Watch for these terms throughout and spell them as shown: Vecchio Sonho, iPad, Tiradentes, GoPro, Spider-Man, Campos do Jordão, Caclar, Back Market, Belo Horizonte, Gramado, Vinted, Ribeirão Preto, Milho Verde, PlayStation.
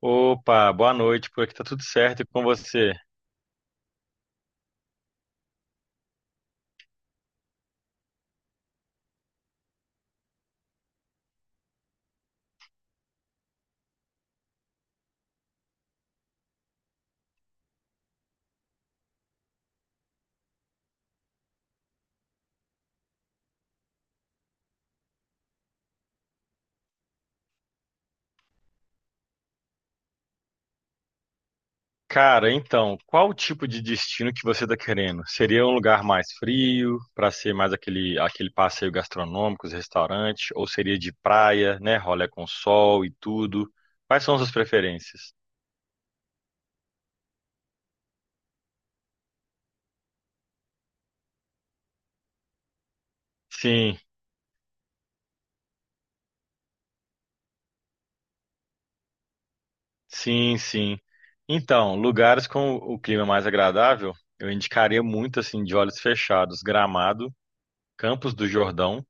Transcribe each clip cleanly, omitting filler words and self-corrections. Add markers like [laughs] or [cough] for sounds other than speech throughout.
Opa, boa noite, por aqui tá tudo certo e com você? Cara, então, qual o tipo de destino que você tá querendo? Seria um lugar mais frio, pra ser mais aquele passeio gastronômico, os restaurantes, ou seria de praia, né, rolê com sol e tudo? Quais são as suas preferências? Sim, sim, sim. Então, lugares com o clima mais agradável, eu indicaria muito assim de olhos fechados, Gramado, Campos do Jordão.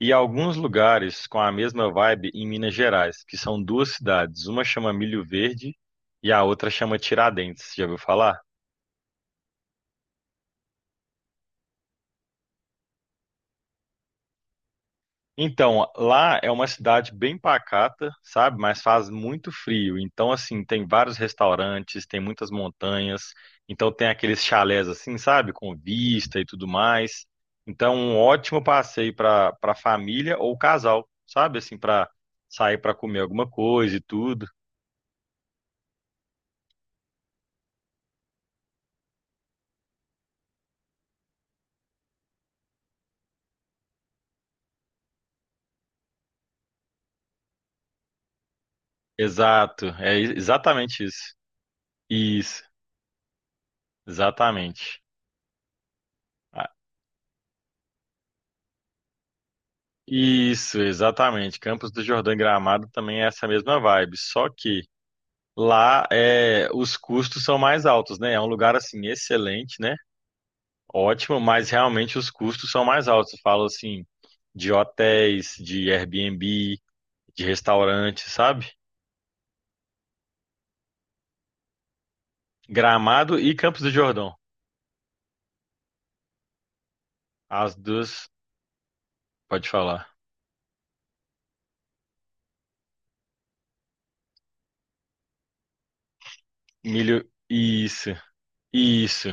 E alguns lugares com a mesma vibe em Minas Gerais, que são duas cidades. Uma chama Milho Verde e a outra chama Tiradentes. Já ouviu falar? Então, lá é uma cidade bem pacata, sabe? Mas faz muito frio. Então, assim, tem vários restaurantes, tem muitas montanhas. Então, tem aqueles chalés, assim, sabe? Com vista e tudo mais. Então, um ótimo passeio para família ou casal, sabe? Assim, para sair para comer alguma coisa e tudo. Exato, exatamente isso. Isso, exatamente. Ah, isso, exatamente. Campos do Jordão e Gramado também é essa mesma vibe, só que lá é, os custos são mais altos, né? É um lugar assim excelente, né? Ótimo, mas realmente os custos são mais altos. Eu falo assim de hotéis, de Airbnb, de restaurantes, sabe? Gramado e Campos do Jordão. As duas, pode falar. Milho, isso, isso.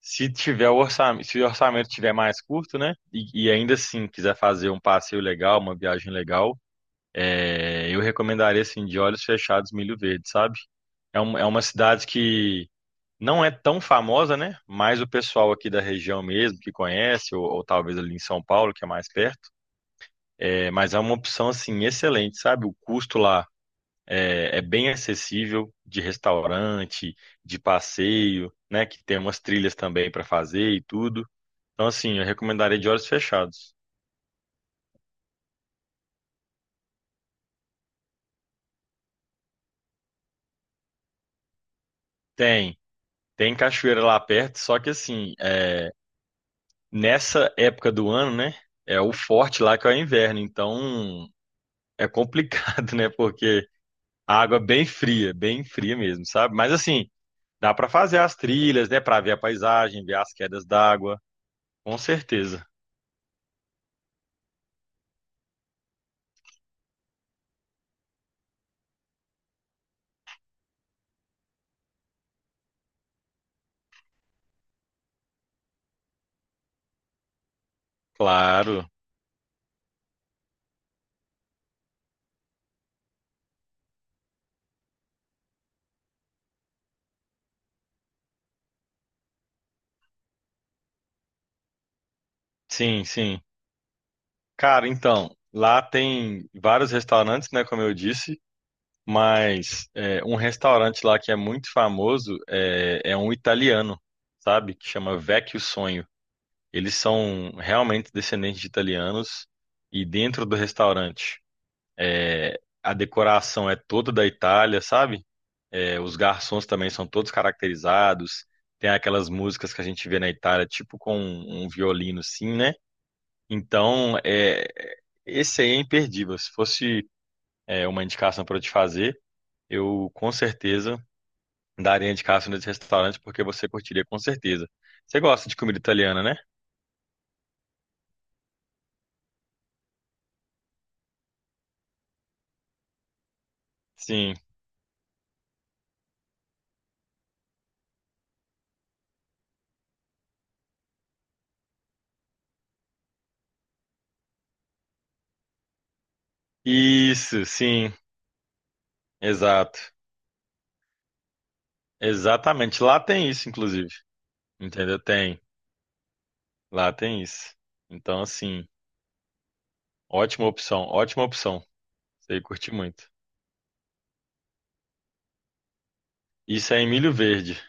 Se tiver o orçamento, se o orçamento tiver mais curto, né? E ainda assim quiser fazer um passeio legal, uma viagem legal, é, eu recomendaria assim, de olhos fechados, Milho Verde, sabe? É, um- é uma cidade que não é tão famosa, né? Mas o pessoal aqui da região mesmo que conhece, ou talvez ali em São Paulo, que é mais perto. É, mas é uma opção assim excelente, sabe? O custo lá é, é bem acessível de restaurante, de passeio, né? Que tem umas trilhas também para fazer e tudo. Então, assim, eu recomendaria de olhos fechados. Tem, tem cachoeira lá perto, só que assim, é, nessa época do ano, né? É o forte lá que é o inverno, então é complicado, [laughs] né? Porque a água é bem fria mesmo, sabe? Mas assim, dá pra fazer as trilhas, né? Pra ver a paisagem, ver as quedas d'água, com certeza. Claro, sim, sim. Cara, então, lá tem vários restaurantes, né? Como eu disse. Mas é, um restaurante lá que é muito famoso é um italiano, sabe? Que chama Vecchio Sonho. Eles são realmente descendentes de italianos e dentro do restaurante é, a decoração é toda da Itália, sabe? É, os garçons também são todos caracterizados. Tem aquelas músicas que a gente vê na Itália, tipo com um violino, sim, né? Então, é, esse aí é imperdível. Se fosse, é, uma indicação para eu te fazer, eu com certeza daria indicação desse restaurante porque você curtiria com certeza. Você gosta de comida italiana, né? Sim. Isso, sim. Exato. Exatamente. Lá tem isso, inclusive. Entendeu? Tem. Lá tem isso. Então, assim, ótima opção, ótima opção. Você ia curtir muito. Isso é em Milho Verde.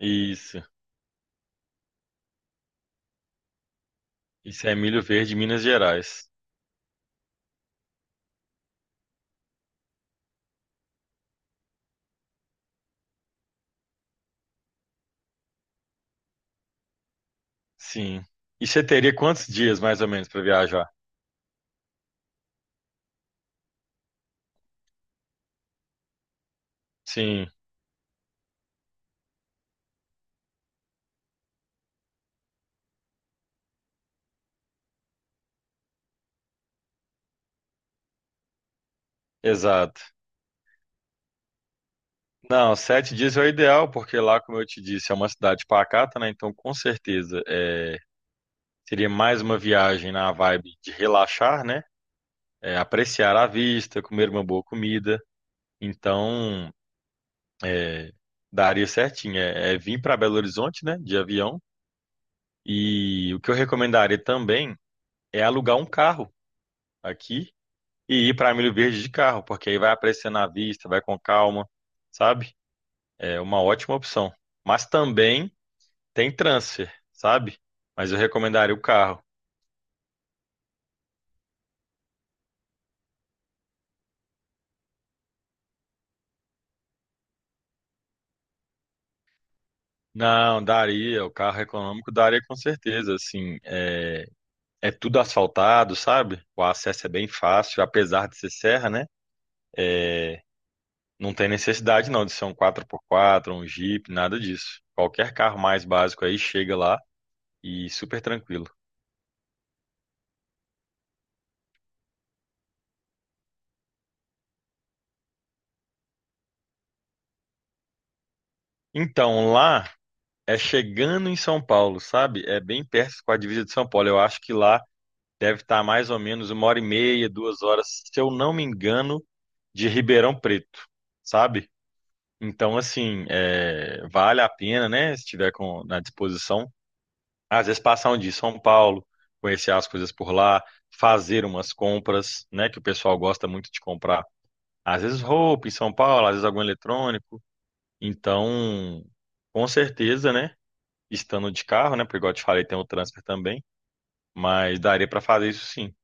Isso. Isso é em Milho Verde, Minas Gerais. Sim. E você teria quantos dias, mais ou menos, para viajar? Sim, exato. Não, 7 dias é o ideal, porque lá, como eu te disse, é uma cidade pacata, né? Então, com certeza, é, seria mais uma viagem na vibe de relaxar, né? É, apreciar a vista, comer uma boa comida. Então, é, daria certinho. É, é vir para Belo Horizonte, né? De avião. E o que eu recomendaria também é alugar um carro aqui e ir para Milho Verde de carro, porque aí vai apreciando a vista, vai com calma, sabe? É uma ótima opção. Mas também tem transfer, sabe? Mas eu recomendaria o carro. Não, daria. O carro econômico daria com certeza. Assim, é, é tudo asfaltado, sabe? O acesso é bem fácil, apesar de ser serra, né? É, não tem necessidade não de ser um quatro por quatro, um Jeep, nada disso. Qualquer carro mais básico aí chega lá e super tranquilo. Então, lá é chegando em São Paulo, sabe? É bem perto com a divisa de São Paulo. Eu acho que lá deve estar mais ou menos 1 hora e meia, 2 horas, se eu não me engano de Ribeirão Preto, sabe? Então, assim, é, vale a pena, né? Se tiver na disposição, às vezes passar um dia em São Paulo, conhecer as coisas por lá, fazer umas compras, né? Que o pessoal gosta muito de comprar. Às vezes roupa em São Paulo, às vezes algum eletrônico. Então, com certeza, né? Estando de carro, né? Porque, igual eu te falei, tem o transfer também. Mas daria para fazer isso sim.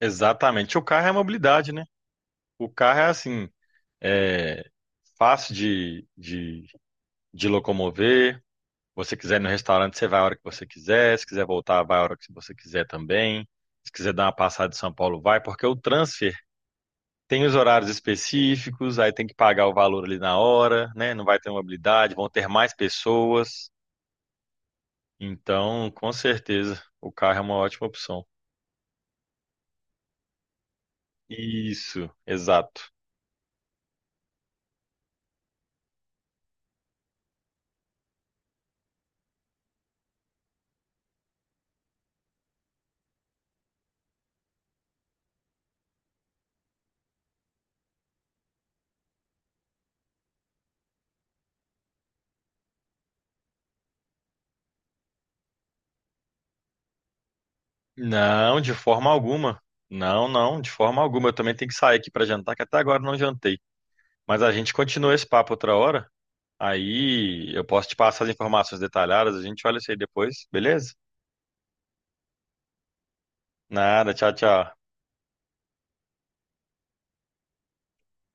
Exatamente. O carro é a mobilidade, né? O carro é assim, é fácil de, de locomover. Você quiser ir no restaurante, você vai a hora que você quiser. Se quiser voltar, vai a hora que você quiser também. Se quiser dar uma passada em São Paulo, vai, porque o transfer tem os horários específicos, aí tem que pagar o valor ali na hora, né? Não vai ter mobilidade, vão ter mais pessoas. Então, com certeza, o carro é uma ótima opção. Isso, exato. Não, de forma alguma. Não, não, de forma alguma. Eu também tenho que sair aqui para jantar, que até agora eu não jantei. Mas a gente continua esse papo outra hora. Aí eu posso te passar as informações detalhadas, a gente olha isso aí depois, beleza? Nada, tchau, tchau.